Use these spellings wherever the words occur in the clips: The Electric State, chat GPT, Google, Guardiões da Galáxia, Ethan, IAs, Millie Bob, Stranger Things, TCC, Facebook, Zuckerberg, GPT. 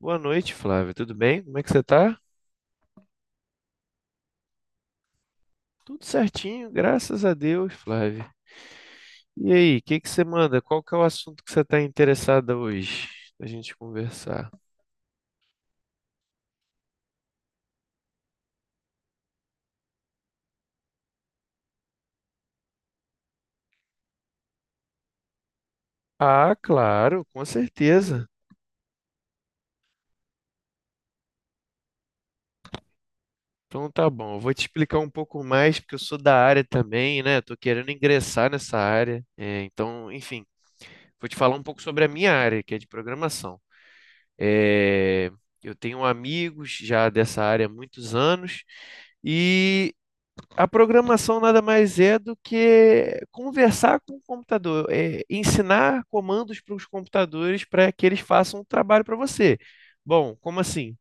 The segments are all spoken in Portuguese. Boa noite, Flávio. Tudo bem? Como é que você tá? Tudo certinho, graças a Deus, Flávio. E aí, o que que você manda? Qual que é o assunto que você está interessada hoje a gente conversar? Ah, claro, com certeza. Então tá bom, eu vou te explicar um pouco mais, porque eu sou da área também, né? Tô querendo ingressar nessa área. Então, enfim, vou te falar um pouco sobre a minha área, que é de programação. É, eu tenho amigos já dessa área há muitos anos. E a programação nada mais é do que conversar com o computador, ensinar comandos para os computadores para que eles façam um trabalho para você. Bom, como assim?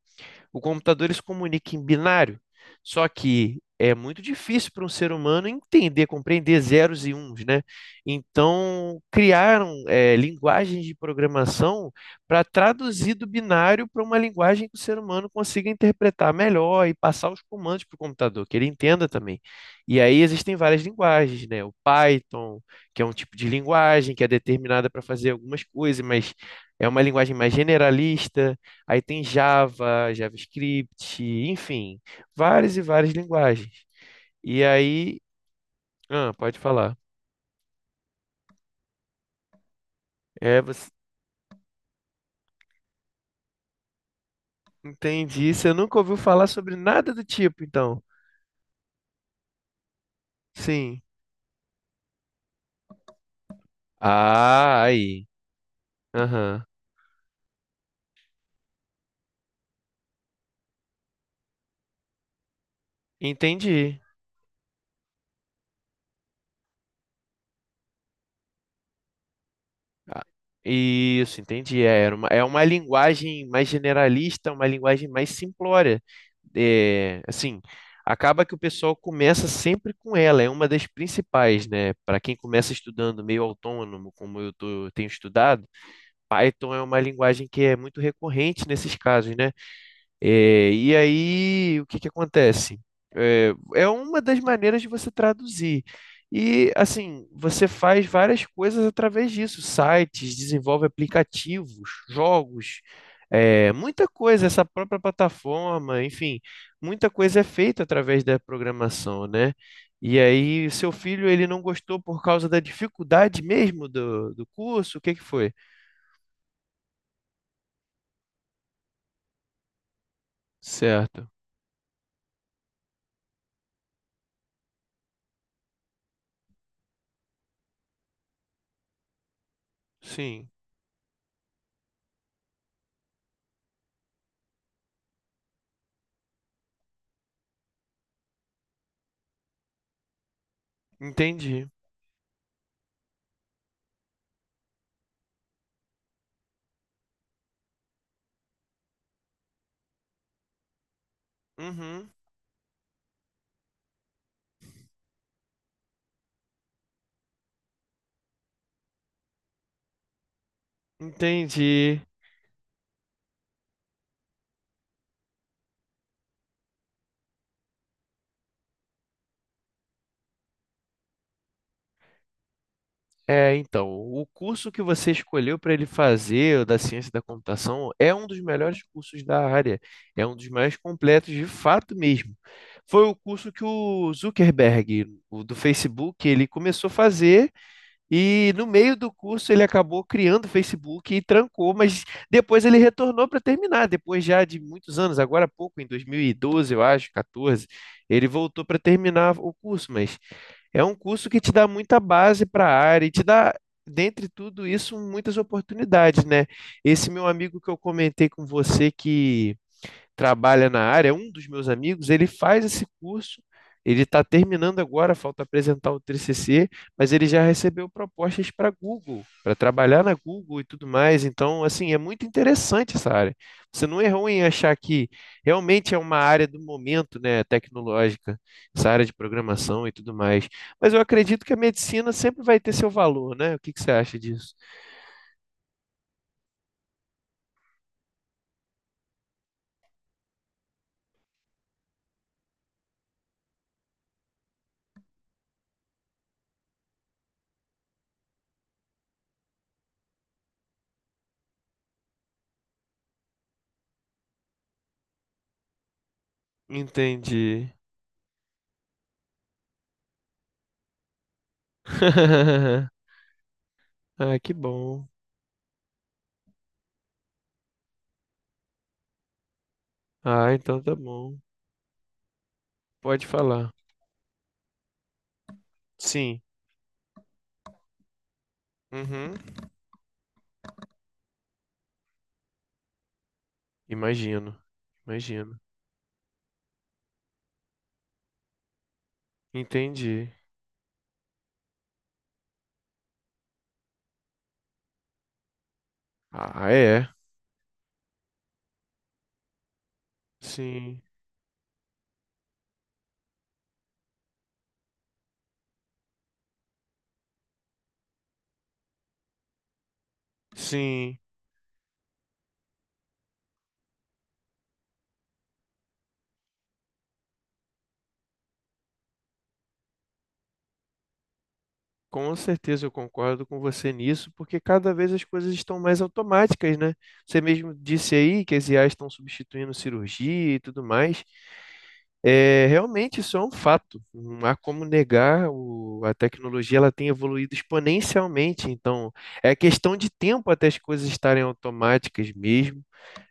O computador ele se comunica em binário, só que é muito difícil para um ser humano entender, compreender zeros e uns, né? Então, criaram linguagens de programação para traduzir do binário para uma linguagem que o ser humano consiga interpretar melhor e passar os comandos para o computador, que ele entenda também. E aí existem várias linguagens, né? O Python, que é um tipo de linguagem que é determinada para fazer algumas coisas, mas é uma linguagem mais generalista. Aí tem Java, JavaScript, enfim, várias e várias linguagens. E aí, ah, pode falar. Você entendi. Você nunca ouviu falar sobre nada do tipo, então. Sim. Ah, aí. Aham. Entendi. Ah, isso, entendi. É uma linguagem mais generalista, uma linguagem mais simplória. É, assim, acaba que o pessoal começa sempre com ela, é uma das principais, né? Para quem começa estudando meio autônomo, como tenho estudado, Python é uma linguagem que é muito recorrente nesses casos, né? É, e aí, o que que acontece? É, é uma das maneiras de você traduzir. E, assim, você faz várias coisas através disso, sites, desenvolve aplicativos, jogos, muita coisa, essa própria plataforma, enfim, muita coisa é feita através da programação, né? E aí, seu filho, ele não gostou por causa da dificuldade mesmo do curso? O que que foi? Certo. Sim, entendi. Uhum, entendi. É, então, o curso que você escolheu para ele fazer, o da ciência da computação, é um dos melhores cursos da área, é um dos mais completos de fato mesmo. Foi o curso que o Zuckerberg, o do Facebook, ele começou a fazer e no meio do curso ele acabou criando o Facebook e trancou, mas depois ele retornou para terminar, depois já de muitos anos, agora há pouco, em 2012, eu acho, 14, ele voltou para terminar o curso, mas é um curso que te dá muita base para a área e te dá, dentre tudo isso, muitas oportunidades, né? Esse meu amigo que eu comentei com você que trabalha na área, é um dos meus amigos, ele faz esse curso, ele está terminando agora, falta apresentar o TCC, mas ele já recebeu propostas para Google, para trabalhar na Google e tudo mais. Então, assim, é muito interessante essa área. Você não errou em achar que realmente é uma área do momento, né, tecnológica, essa área de programação e tudo mais. Mas eu acredito que a medicina sempre vai ter seu valor, né? O que que você acha disso? Entendi. Ah, que bom. Ah, então tá bom. Pode falar. Sim. Uhum. Imagino. Imagino. Entendi. Ah, é. Sim. Sim. Com certeza eu concordo com você nisso, porque cada vez as coisas estão mais automáticas, né? Você mesmo disse aí que as IAs estão substituindo cirurgia e tudo mais. É, realmente isso é um fato. Não há como negar, a tecnologia ela tem evoluído exponencialmente, então é questão de tempo até as coisas estarem automáticas mesmo.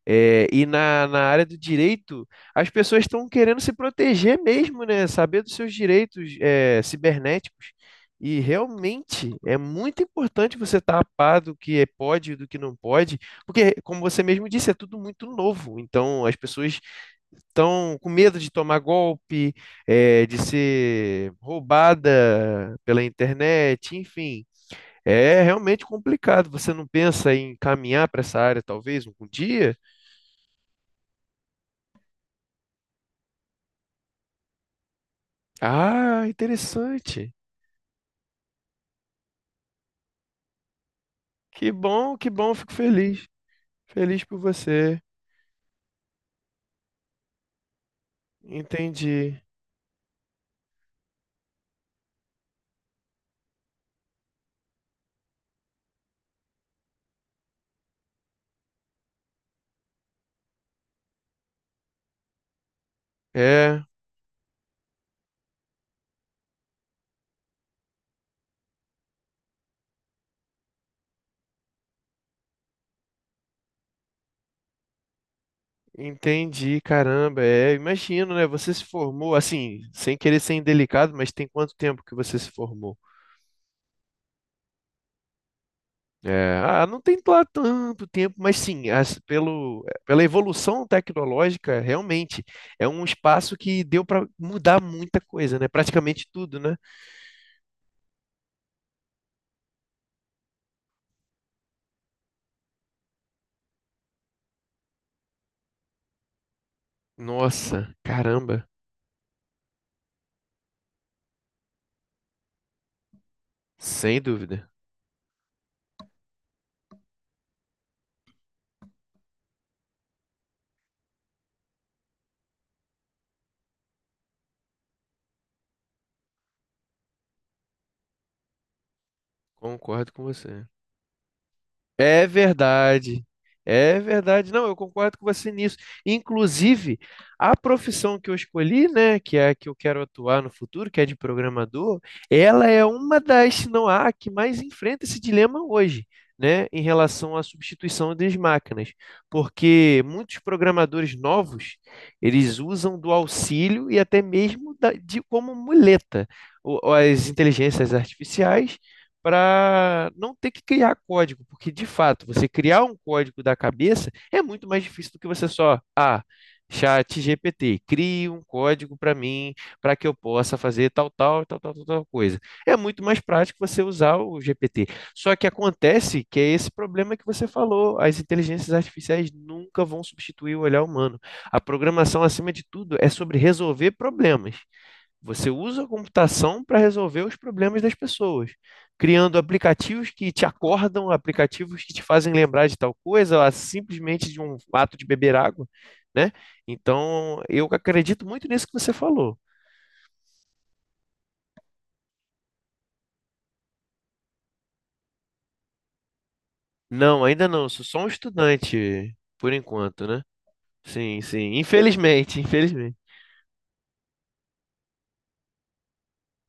E na área do direito, as pessoas estão querendo se proteger mesmo, né? Saber dos seus direitos, cibernéticos. E realmente é muito importante você estar a par do que pode e do que não pode, porque, como você mesmo disse, é tudo muito novo. Então, as pessoas estão com medo de tomar golpe, de ser roubada pela internet, enfim. É realmente complicado. Você não pensa em caminhar para essa área, talvez, um dia? Ah, interessante. Que bom, fico feliz. Feliz por você. Entendi. É, entendi, caramba. É, imagino, né? Você se formou, assim, sem querer ser indelicado, mas tem quanto tempo que você se formou? Não tem lá tanto tempo, mas sim, pela evolução tecnológica, realmente é um espaço que deu para mudar muita coisa, né? Praticamente tudo, né? Nossa, caramba. Sem dúvida. Concordo com você. É verdade. É verdade. Não, eu concordo com você nisso. Inclusive, a profissão que eu escolhi, né, que é a que eu quero atuar no futuro, que é de programador, ela é uma das, se não a que mais enfrenta esse dilema hoje, né, em relação à substituição das máquinas. Porque muitos programadores novos, eles usam do auxílio e até mesmo de como muleta as inteligências artificiais para não ter que criar código, porque de fato, você criar um código da cabeça é muito mais difícil do que você só, ah, chat GPT, crie um código para mim, para que eu possa fazer tal, tal, tal, tal, tal, tal coisa. É muito mais prático você usar o GPT. Só que acontece que é esse problema que você falou, as inteligências artificiais nunca vão substituir o olhar humano. A programação, acima de tudo, é sobre resolver problemas. Você usa a computação para resolver os problemas das pessoas, criando aplicativos que te acordam, aplicativos que te fazem lembrar de tal coisa, ou simplesmente de um ato de beber água, né? Então, eu acredito muito nisso que você falou. Não, ainda não, sou só um estudante por enquanto, né? Sim, sim, infelizmente, infelizmente.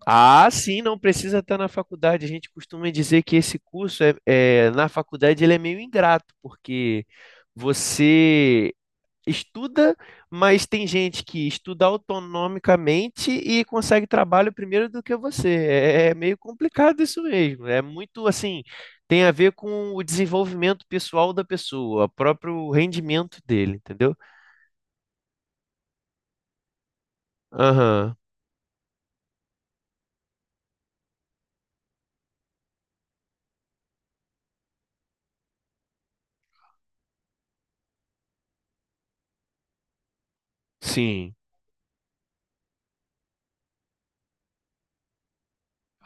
Ah, sim, não precisa estar na faculdade. A gente costuma dizer que esse curso é na faculdade ele é meio ingrato, porque você estuda, mas tem gente que estuda autonomicamente e consegue trabalho primeiro do que você. É meio complicado isso mesmo. É muito assim, tem a ver com o desenvolvimento pessoal da pessoa, o próprio rendimento dele, entendeu? Aham, sim.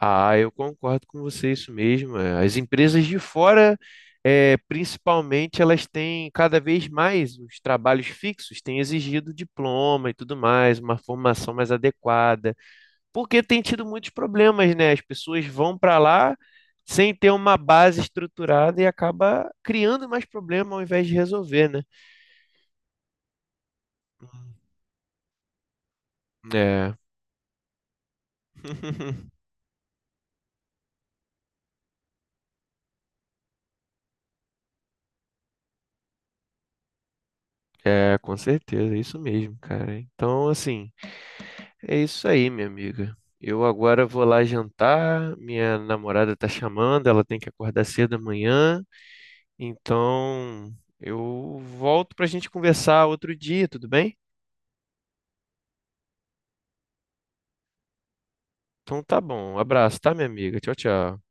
Ah, eu concordo com você, isso mesmo. É. As empresas de fora, é, principalmente, elas têm cada vez mais os trabalhos fixos, têm exigido diploma e tudo mais, uma formação mais adequada. Porque tem tido muitos problemas, né? As pessoas vão para lá sem ter uma base estruturada e acaba criando mais problema ao invés de resolver, né? É, é, com certeza, é isso mesmo, cara. Então, assim, é isso aí, minha amiga. Eu agora vou lá jantar, minha namorada tá chamando, ela tem que acordar cedo amanhã, então eu volto pra gente conversar outro dia, tudo bem? Então tá bom, um abraço, tá, minha amiga? Tchau, tchau.